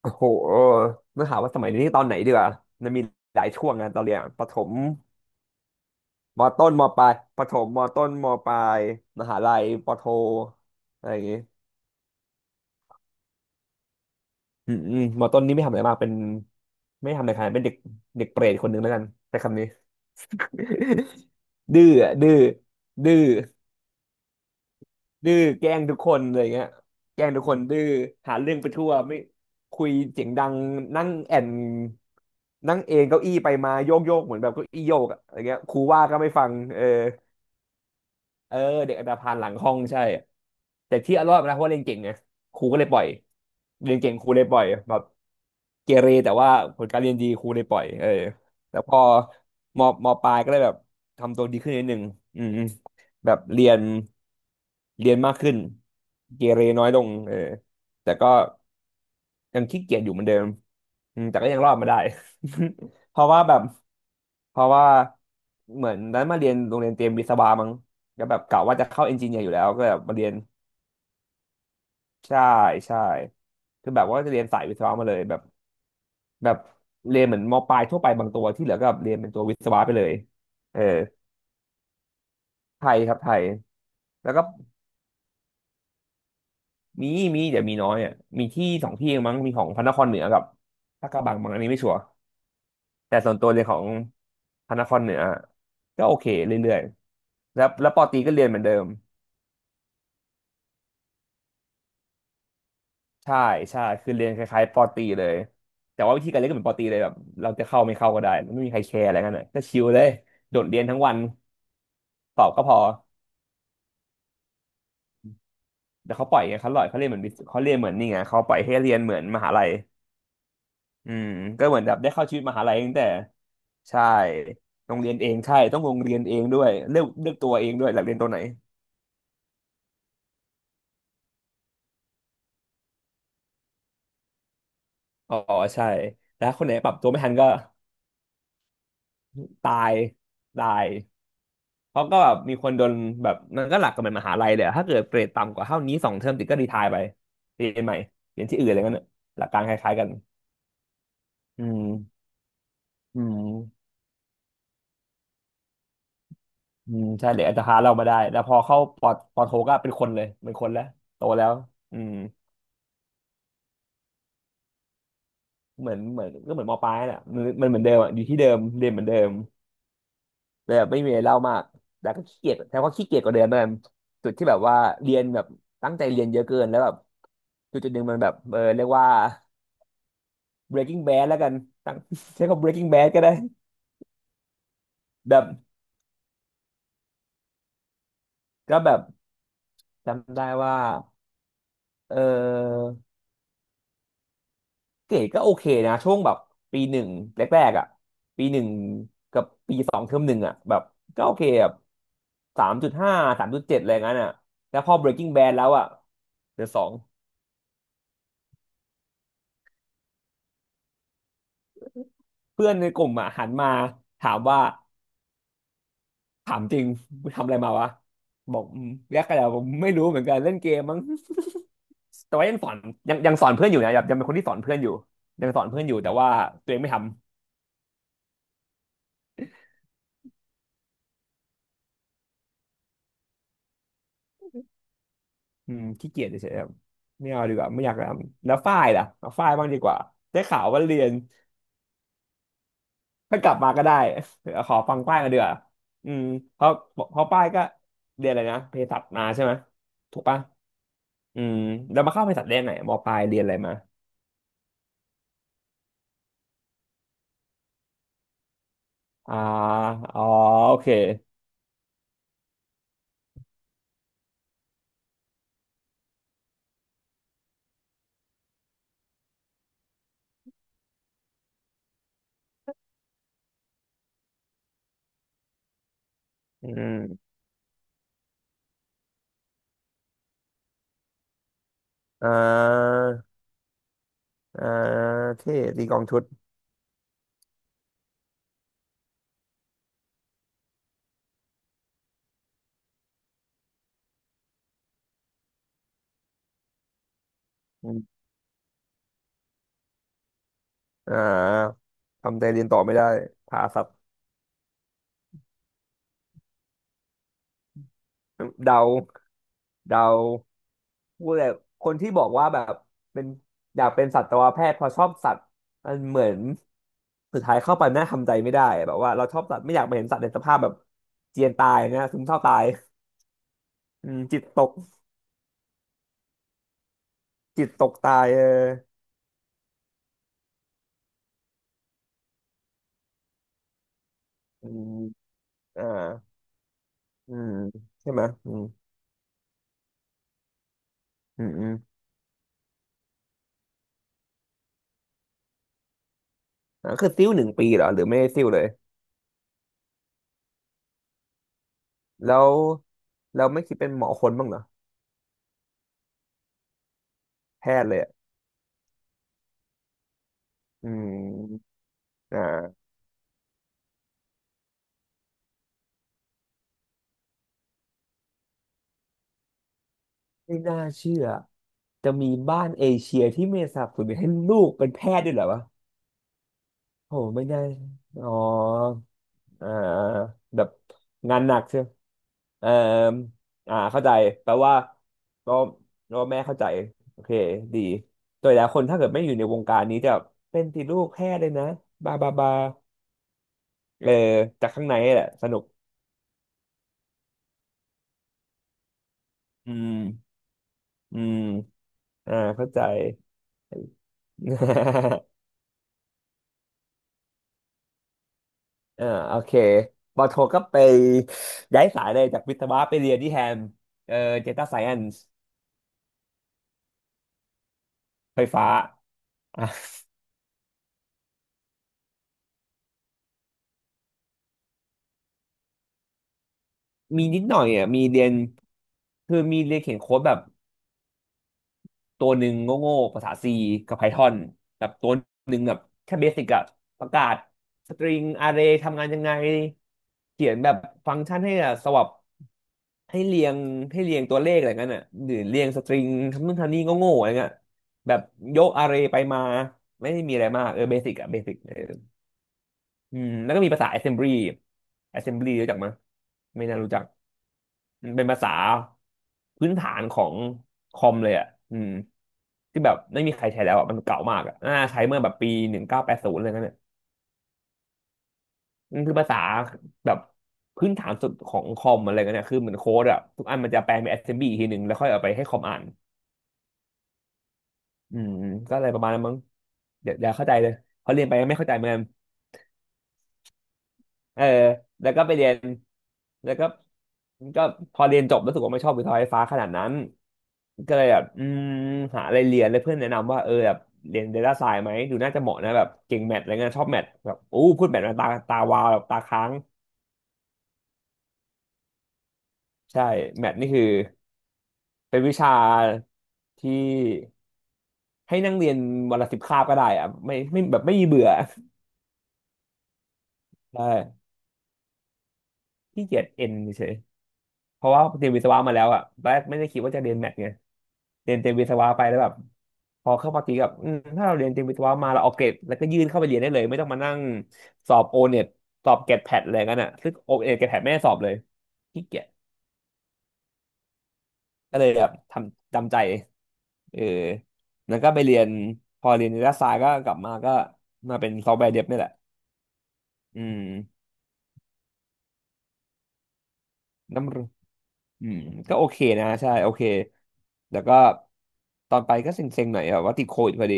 โอ้โหต้องถามว่าสมัยนี้ตอนไหนดีกว่ามันมีหลายช่วงนะตอนเรียนอะประถมมต้นมปลายประถมมต้นมปลายมหาลัยปโทอะไรอย่างงี้อืมอืมมต้นนี่ไม่ทำอะไรมากเป็นไม่ทำอะไรขนาดนั้นเป็นเด็กเด็กเปรตคนหนึ่งแล้วกันใช้คำนี้ ดื้ออะดื้อดื้อ ดื้อแกล้งทุกคนอะไรเงี้ยแกล้งทุกคนดื้อหาเรื่องไปทั่วไม่คุยเสียงดังนั่งแอนนั่งเองเก้าอี้ไปมาโยกโยกเหมือนแบบเก้าอี้โยกอะอะไรเงี้ยครูว่าก็ไม่ฟังเออเด็กอันธพาลหลังห้องใช่แต่ที่เอารอดมานะเพราะว่าเรียนเก่งไงครูก็เลยปล่อยเรียนเก่งครูเลยปล่อยแบบเกเรแต่ว่าผลการเรียนดีครูเลยปล่อยเออแต่พอมมปลายก็เลยแบบทำตัวดีขึ้นนิดนึงอืมอืมแบบเรียน เรียนมากขึ้นเกเรน้อยลงเออแต่ก็ยังขี้เกียจอยู่เหมือนเดิมอืมแต่ก็ยังรอดมาได้ เพราะว่าแบบ เพราะว่าเหมือนนั้นมาเรียนโรงเรียนเตรียมวิศวะมั้งก็แบบกะว่าจะเข้าเอนจิเนียร์อยู่แล้วก็แบบมาเรียน ใช่ใช่คือแบบว่าจะเรียนสายวิศวะมาเลยแบบแบบเรียนเหมือนมปลายทั่วไปบางตัวที่เหลือก็เรียนเป็นตัววิศวะไปเลยเออไทยครับไทยแล้วก็ มีมีแต่มีน้อยอ่ะมีที่สองที่เองมั้งมีของพระนครเหนือกับลาดกระบังมั้งอันนี้ไม่ชัวร์แต่ส่วนตัวเรียนของพระนครเหนือก็โอเคเรื่อยๆแล้วแล้วปอตรีก็เรียนเหมือนเดิมใช่ใช่คือเรียนคล้ายๆปอตรีเลยแต่ว่าวิธีการเรียนก็เหมือนปอตรีเลยแบบเราจะเข้าไม่เข้าก็ได้ไม่มีใครแคร์อะไรกันเลยก็ชิลเลยโดดเรียนทั้งวันสอบก็พอแต่เขาปล่อยไงเขาปล่อยเขาเรียนเหมือนวิศเขาเรียนเหมือนนี่ไงเขาปล่อยให้เรียนเหมือนมหาลัย อืมก็เหมือนแบบได้เข้าชีวิตมหาลัยตั้งแต่ใช่โรงเรียนเองใช่ต้องโรงเรียนเองด้วยเลือกตัวเองด้วยอยากเรียนตัวไหนอ๋อใช่แล้วคนไหนปรับตัวไม่ทันก็ตายตายเพราะก็แบบมีคนโดนแบบมันหลักกับเหมือนมหาลัยเลยอะถ้าเกิดเกรดต่ำกว่าเท่านี้สองเทอมติดก็รีไทร์ไปเรียนใหม่เรียนที่อื่นอะไรเงี้ยน่ะหลักการคล้ายๆกันอืมอืมอืมใช่เลยอาจจะรพาเรามาได้แล้วพอเข้าปอโทก็เป็นคนเลยเป็นคนแล้วโตแล้วอืม เหมือนมปลายแหละมันเหมือนเดิมอ่ะอยู่ที่เดิมเรียนเหมือนเดิมแต่แบบไม่มีอะไรเล่ามากแต่ก็ขี้เกียจแต่ว่าขี้เกียจกว่าเดิมนั่นจุดที่แบบว่าเรียนแบบตั้งใจเรียนเยอะเกินแล้วแบบจุดหนึ่งมันแบบเออเรียกว่า breaking bad แล้วกันตั้ง ใช้คำ breaking bad ก็ได้แบบก็แบบจำได้ว่าเออเกรดก็โอเคนะช่วงแบบปีหนึ่งแรกๆอ่ะปีหนึ่งกับปีสองเทอมหนึ่งอ่ะแบบก็โอเคแบบ สามจุดห้าสามจุดเจ็ดอะไรงั้นอ่ะแล้วพอ Breaking Bad แล้วอ่ะเหลือสองเพื่อนในกลุ่มอ่ะหันมาถามว่าถามจริงมึงทำอะไรมาวะบอกอืมแยกกันแล้วผมไม่รู้เหมือนกันเล่นเกมมั้งแต่ว่ายังสอนยังสอนเพื่อนอยู่นะแบบยังเป็นคนที่สอนเพื่อนอยู่ยังสอนเพื่อนอยู่แต่ว่าตัวเองไม่ทำอืมขี้เกียจเฉยๆครับไม่เอาดีกว่าไม่อยากทำแล้วฝ้ายล่ะเอาฝ้ายบ้างดีกว่าได้ข่าวว่าเรียน ถ้ากลับมาก็ได้ ขอฟังป้ายมาเดืออืมเพราะเพราะป้ายก็เรียนอะไรนะเภสัชมาใช่ไหมถูกปะอืมแล้วมาเข้าเภสัชได้ไหนมปลายเรียนอะไรมาอ่าอ๋อโอเคอืมอ่าอ่าเท่ตีกลองชุดอืมอ่าทำใจเรียนต่อไม่ได้ผ่าสับเดาเดาพูดเลยคนที่บอกว่าแบบเป็นอยากเป็นสัตวแพทย์เพราะชอบสัตว์มันเหมือน สุดท้ายเข้าไปแม่ทำใจไม่ได้แบบว่าเราชอบสัตว์ไม่อยากไปเห็นสัตว์ในสภาพแบบเจียนตายนะซึมเศร้าตายอืมจิตตกจิตตกตายเอออืมอ่าอืมใช่ไหมอืมอืมอืมอ่าคือซิ้วหนึ่งปีเหรอหรือไม่ได้ซิ้วเลยแล้วเราไม่คิดเป็นหมอคนบ้างเหรอแพทย์เลยอะอืมอ่าไม่น่าเชื่อจะมีบ้านเอเชียที่ไม่สนับสนุนให้ลูกเป็นแพทย์ด้วยเหรอวะโหไม่น่าอ๋อ อ่าแบบงานหนักใช่ไหมเอ่ออ่าเข้าใจแปลว่าก็ก็แม่เข้าใจโอเคดีโดยหลายคนถ้าเกิดไม่อยู่ในวงการนี้จะเป็นติดลูกแพ้เลยนะบาบาบาเออจากข้างในแหละสนุกอืมอืมอ่าเข้าใจ อ่าโอเคปอโทก็ไปย้ายสายเลยจากวิศวะไปเรียนที่แฮมเออเดต้าไซเอนซ์ไฟฟ้า มีนิดหน่อยอ่ะมีเรียนคือมีเรียนเขียนโค้ดแบบตัวหนึ่งโง่ๆภาษา C กับ Python แบบตัวหนึ่งแบบแค่เบสิกอะประกาศสตริงอาร์เรย์ทำงานยังไงเขียนแบบฟังก์ชันให้อะสวับให้เรียงให้เรียงตัวเลขอะไรเงี้ยน่ะหรือเรียงสตริงทำนู่นทำนี่โง่ๆอะไรเงี้ยแบบยกอาร์เรย์ไปมาไม่ได้มีอะไรมากเออเบสิกอะเบสิก อืมแล้วก็มีภาษา assembly assembly รู้จักมั้ยไม่น่ารู้จักมันเป็นภาษาพื้นฐานของคอมเลยอ่ะอืมที่แบบไม่มีใครใช้แล้วอ่ะ มันเก่ามากอ่ะน่าใช้เมื่อแบบปี1980อะไรเงี้ยเนี่ยมันคือภาษาแบบพื้นฐานสุดของคอมอะไรเงี้ยเนี่ยคือเหมือนโค้ดอ่ะ ทุกอันมันจะแปลเป็น assembly อีกทีหนึ่งแล้วค่อยเอาไปให้คอมอ่านอืมก็อะไรประมาณนั้นมั้งเดี๋ยวเข้าใจเลยพอเรียนไปยังไม่เข้าใจเหมือนกัน เออแล้วก็ไปเรียน แล้วก็ก็พอเรียนจบรู้สึกว่าไม่ชอบวิทยาไฟฟ้าขนาดนั้น ก็เลยแบบอืมหาอะไรเรียนแล้วเพื่อนแนะนำว่าเออแบบเรียน Data Science ไหม ดูน่าจะเหมาะนะแบบเก่งแมทอะไรเงี้ยชอบแมทแบบอู้พูดแมทมาตาตาวาวแบบตาค้างใช่แมทนี่คือเป็นวิชาที่ให้นั่งเรียนวันละ10 คาบก็ได้อะไม่แบบไม่มีเบื่อ ใช่ขี้เกียจเอ็นเฉย เพราะว่าเรียนวิศวะมาแล้วอ่ะตอนแรกไม่ได้คิดว่าจะเรียนแมทไง เรียนเตรียมวิศวะไปแล้วแบบพอเข้ามาตีกับอืมถ้าเราเรียนเตรียมวิศวะมาเราเอาเกรดแล้วก็ยื่นเข้าไปเรียนได้เลยไม่ต้องมานั่งสอบโอเน็ตสอบเกรดแพดอะไรกันอ่ะซึ่งโอเน็ตเกรดแพดไม่ได้สอบเลยขี้เกียจก็เลยแบบทำจำใจเออแล้วก็ไปเรียนพอเรียนรัฐศาสตก็กลับมาก็มาเป็นซอฟต์แวร์เดฟนี่แหละอืมน้ำรอืมก็โอเคนะใช่โอเคแล้วก็ตอนไปก็เซ็งๆหน่อยแบบว่าติดโควิดพอดี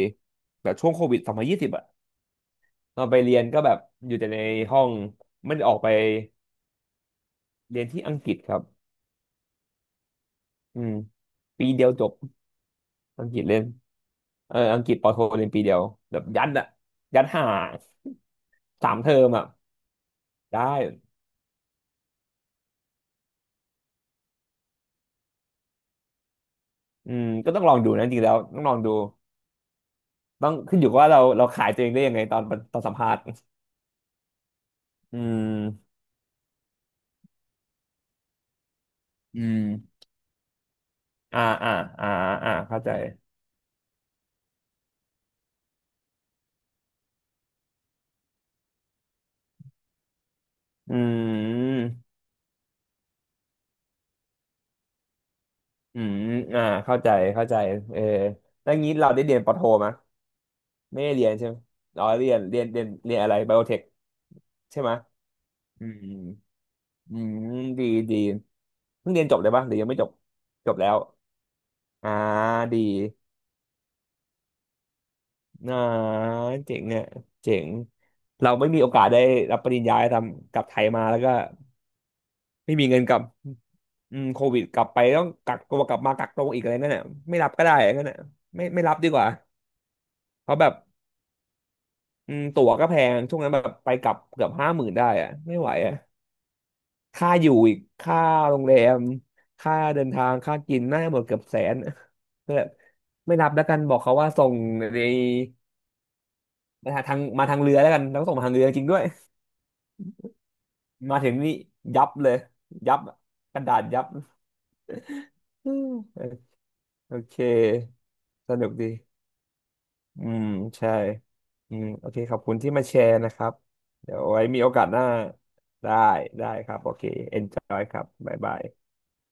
แบบช่วงโควิด2020อะ ตอนไปเรียนก็แบบอยู่แต่ในห้องไม่ได้ออกไปเรียนที่อังกฤษครับอืมปีเดียวจบอังกฤษเรียนเอออังกฤษปอโทเรียนปีเดียวแบบยัดอะยัดห่า3 เทอมอะได้อืมก็ต้องลองดูนะจริงๆแล้วต้องลองดูต้องขึ้นอยู่กับว่าเราขายตัวเองได้ยังไงตอนสัมภาษณ์อืมอืมอ่าอ่าอ่าอ่าเข้าใจอืมอืมอ่าเข้าใจเข้าใจเออแล้วงี้เราได้เรียนปอโทไหม ไม่ได้เรียนใช่ไหมอ๋อเรียนอะไรไบโอเทคใช่ไหมอืมอืมดีดีเพิ่งเรียนจบเลยปะหรือยังไม่จบจบแล้วอ่าดีอ่าเจ๋งเนี่ยเจ๋งเราไม่มีโอกาสได้รับปริญญาทำกลับไทยมาแล้วก็ไม่มีเงินกลับอืมโควิดกลับไปต้องกักตัวกลับมากักตัวอีกอะไรนั่นน่ะไม่รับก็ได้งั้นน่ะไม่รับดีกว่าเพราะแบบอืมตั๋วก็แพงช่วงนั้นแบบไปกลับเกือบ50,000ได้อะไม่ไหวอะ ค่าอยู่อีกค่าโรงแรมค่าเดินทางค่ากินน่าจะหมดเกือบแสน แบบไม่รับแล้วกันบอกเขาว่าส่งในมาทางมาทางเรือแล้วกันแล้วก็ส่งมาทางเรือจริงด้วยมาถึงนี่ยับเลยยับกระดาษยับอืมโอเคสนุกดีอืมใช่อืมโอเคขอบคุณที่มาแชร์นะครับเดี๋ยวไว้มีโอกาสหน้าได้ได้ครับโอเค enjoy ครับบ๊ายบาย